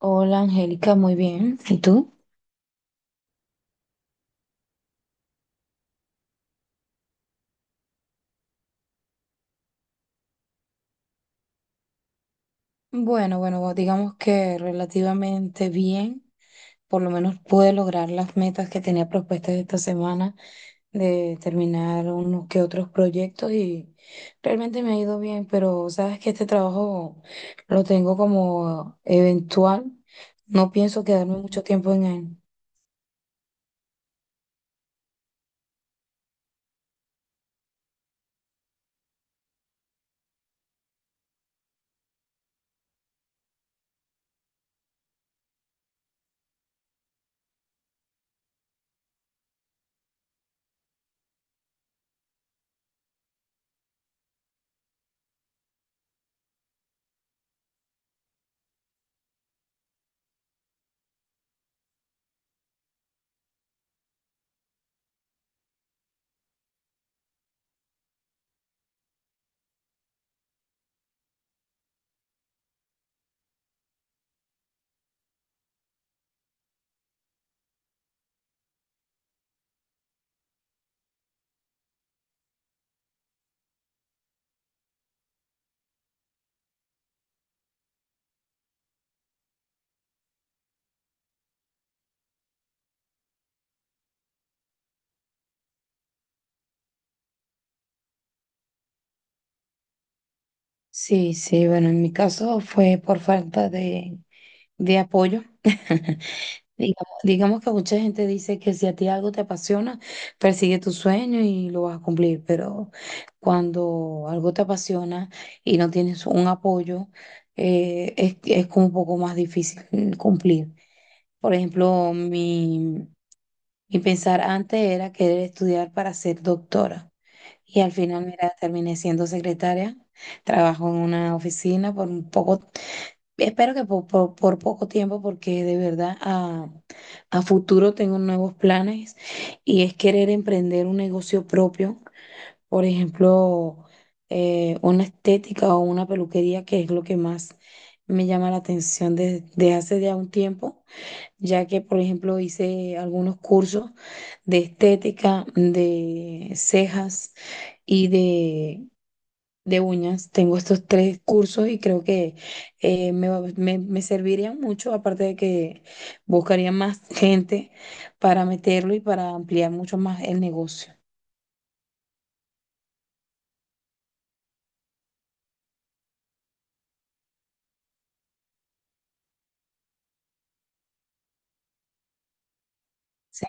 Hola Angélica, muy bien. ¿Y tú? Bueno, digamos que relativamente bien. Por lo menos pude lograr las metas que tenía propuestas esta semana de terminar unos que otros proyectos y realmente me ha ido bien, pero sabes que este trabajo lo tengo como eventual. No pienso quedarme mucho tiempo en él. Sí, sí, bueno, en mi caso fue por falta de apoyo. Digamos que mucha gente dice que si a ti algo te apasiona, persigue tu sueño y lo vas a cumplir, pero cuando algo te apasiona y no tienes un apoyo, es como un poco más difícil cumplir. Por ejemplo, mi pensar antes era querer estudiar para ser doctora y al final, mira, terminé siendo secretaria, trabajo en una oficina por un poco. Espero que poco tiempo, porque de verdad a futuro tengo nuevos planes y es querer emprender un negocio propio, por ejemplo, una estética o una peluquería, que es lo que más me llama la atención desde hace ya un tiempo, ya que, por ejemplo, hice algunos cursos de estética, de cejas y de uñas. Tengo estos tres cursos y creo que me servirían mucho, aparte de que buscaría más gente para meterlo y para ampliar mucho más el negocio. Sí.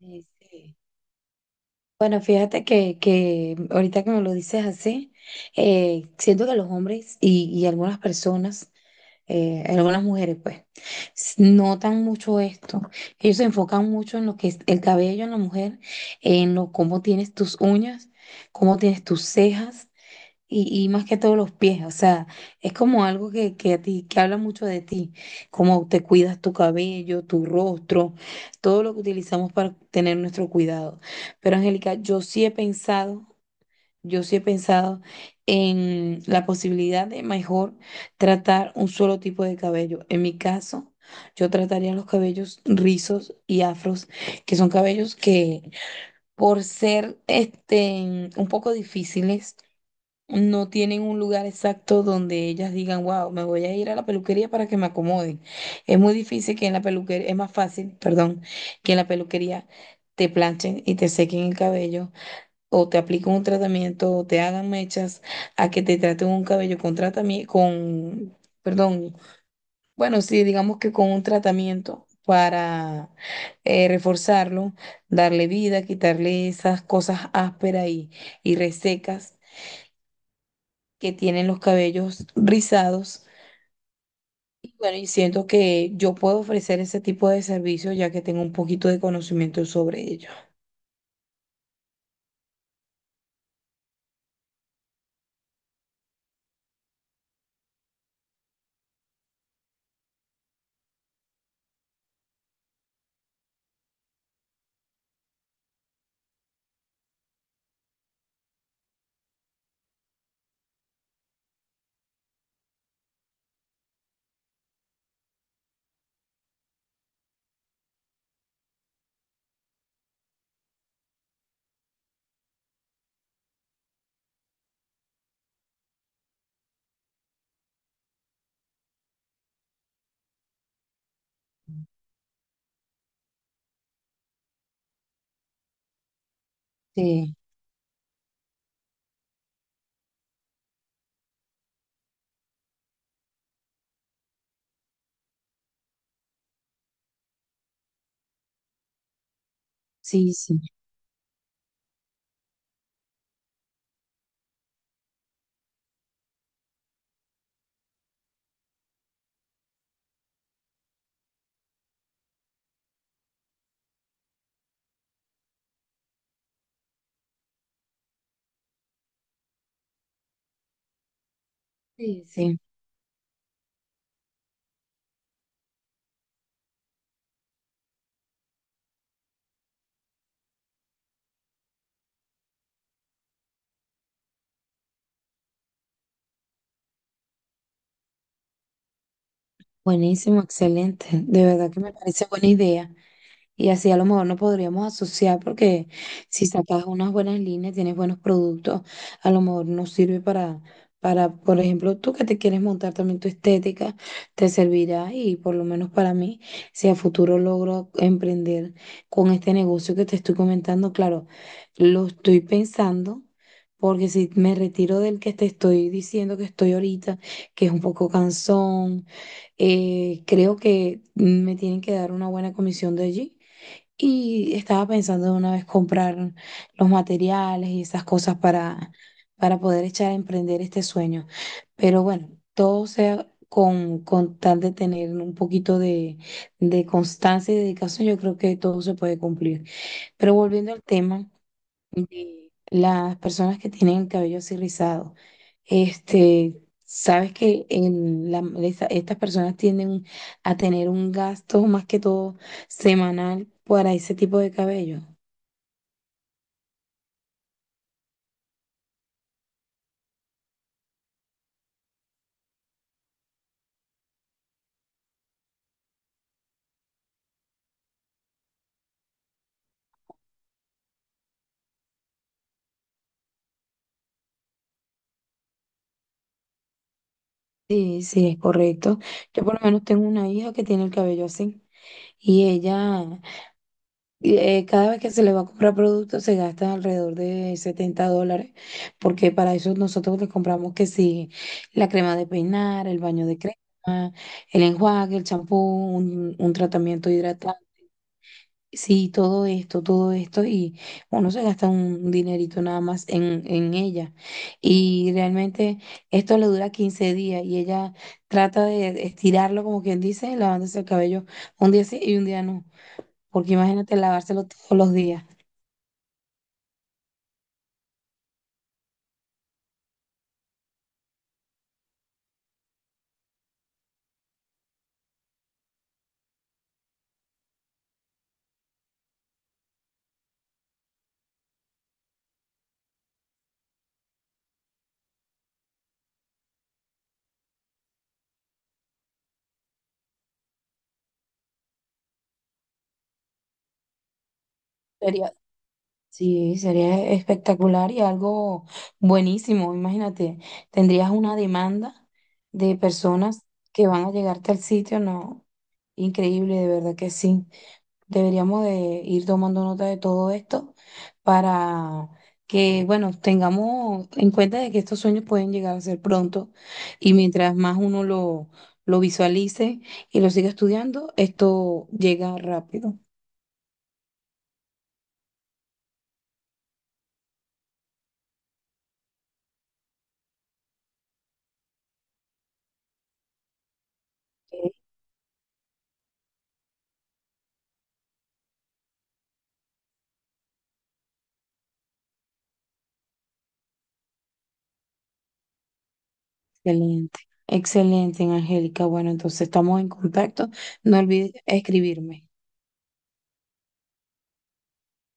Sí, sí. Bueno, fíjate que ahorita que me lo dices así, siento que los hombres y algunas personas, algunas mujeres, pues notan mucho esto. Ellos se enfocan mucho en lo que es el cabello en la mujer, en lo cómo tienes tus uñas, cómo tienes tus cejas y más que todo los pies. O sea, es como algo que a ti, que habla mucho de ti, cómo te cuidas tu cabello, tu rostro, todo lo que utilizamos para tener nuestro cuidado. Pero Angélica, yo sí he pensado en la posibilidad de mejor tratar un solo tipo de cabello. En mi caso, yo trataría los cabellos rizos y afros, que son cabellos que por ser este, un poco difíciles, no tienen un lugar exacto donde ellas digan, wow, me voy a ir a la peluquería para que me acomoden. Es muy difícil que en la peluquería, es más fácil, perdón, que en la peluquería te planchen y te sequen el cabello o te apliquen un tratamiento, o te hagan mechas, a que te traten un cabello con tratamiento, con, perdón, bueno, sí, digamos que con un tratamiento para reforzarlo, darle vida, quitarle esas cosas ásperas y resecas que tienen los cabellos rizados. Y bueno, y siento que yo puedo ofrecer ese tipo de servicio ya que tengo un poquito de conocimiento sobre ello. Sí, sí, sí. Sí, sí, buenísimo, excelente. De verdad que me parece buena idea. Y así a lo mejor nos podríamos asociar porque si sacas unas buenas líneas, tienes buenos productos, a lo mejor nos sirve para, por ejemplo, tú que te quieres montar también tu estética, te servirá y por lo menos para mí, si a futuro logro emprender con este negocio que te estoy comentando, claro, lo estoy pensando. Porque si me retiro del que te estoy diciendo que estoy ahorita, que es un poco cansón, eh, creo que me tienen que dar una buena comisión de allí. Y estaba pensando de una vez comprar los materiales y esas cosas para poder echar a emprender este sueño. Pero bueno, todo sea con tal de tener un poquito de constancia y dedicación, yo creo que todo se puede cumplir. Pero volviendo al tema de las personas que tienen el cabello así rizado. Este, sabes que estas personas tienden a tener un gasto más que todo semanal para ese tipo de cabello. Sí, sí, es correcto. Yo por lo menos tengo una hija que tiene el cabello así y ella, cada vez que se le va a comprar productos se gasta alrededor de $70, porque para eso nosotros le compramos que sí, la crema de peinar, el baño de crema, el enjuague, el champú, un tratamiento hidratante. Sí, todo esto, y uno se gasta un dinerito nada más en ella. Y realmente esto le dura 15 días y ella trata de estirarlo, como quien dice, lavándose el cabello un día sí y un día no. Porque imagínate lavárselo todos los días. Sería, sí, sería espectacular y algo buenísimo. Imagínate, tendrías una demanda de personas que van a llegarte al sitio, ¿no? Increíble, de verdad que sí. Deberíamos de ir tomando nota de todo esto para que, bueno, tengamos en cuenta de que estos sueños pueden llegar a ser pronto y mientras más uno lo visualice y lo siga estudiando, esto llega rápido. Excelente, excelente, Angélica. Bueno, entonces estamos en contacto. No olvides escribirme.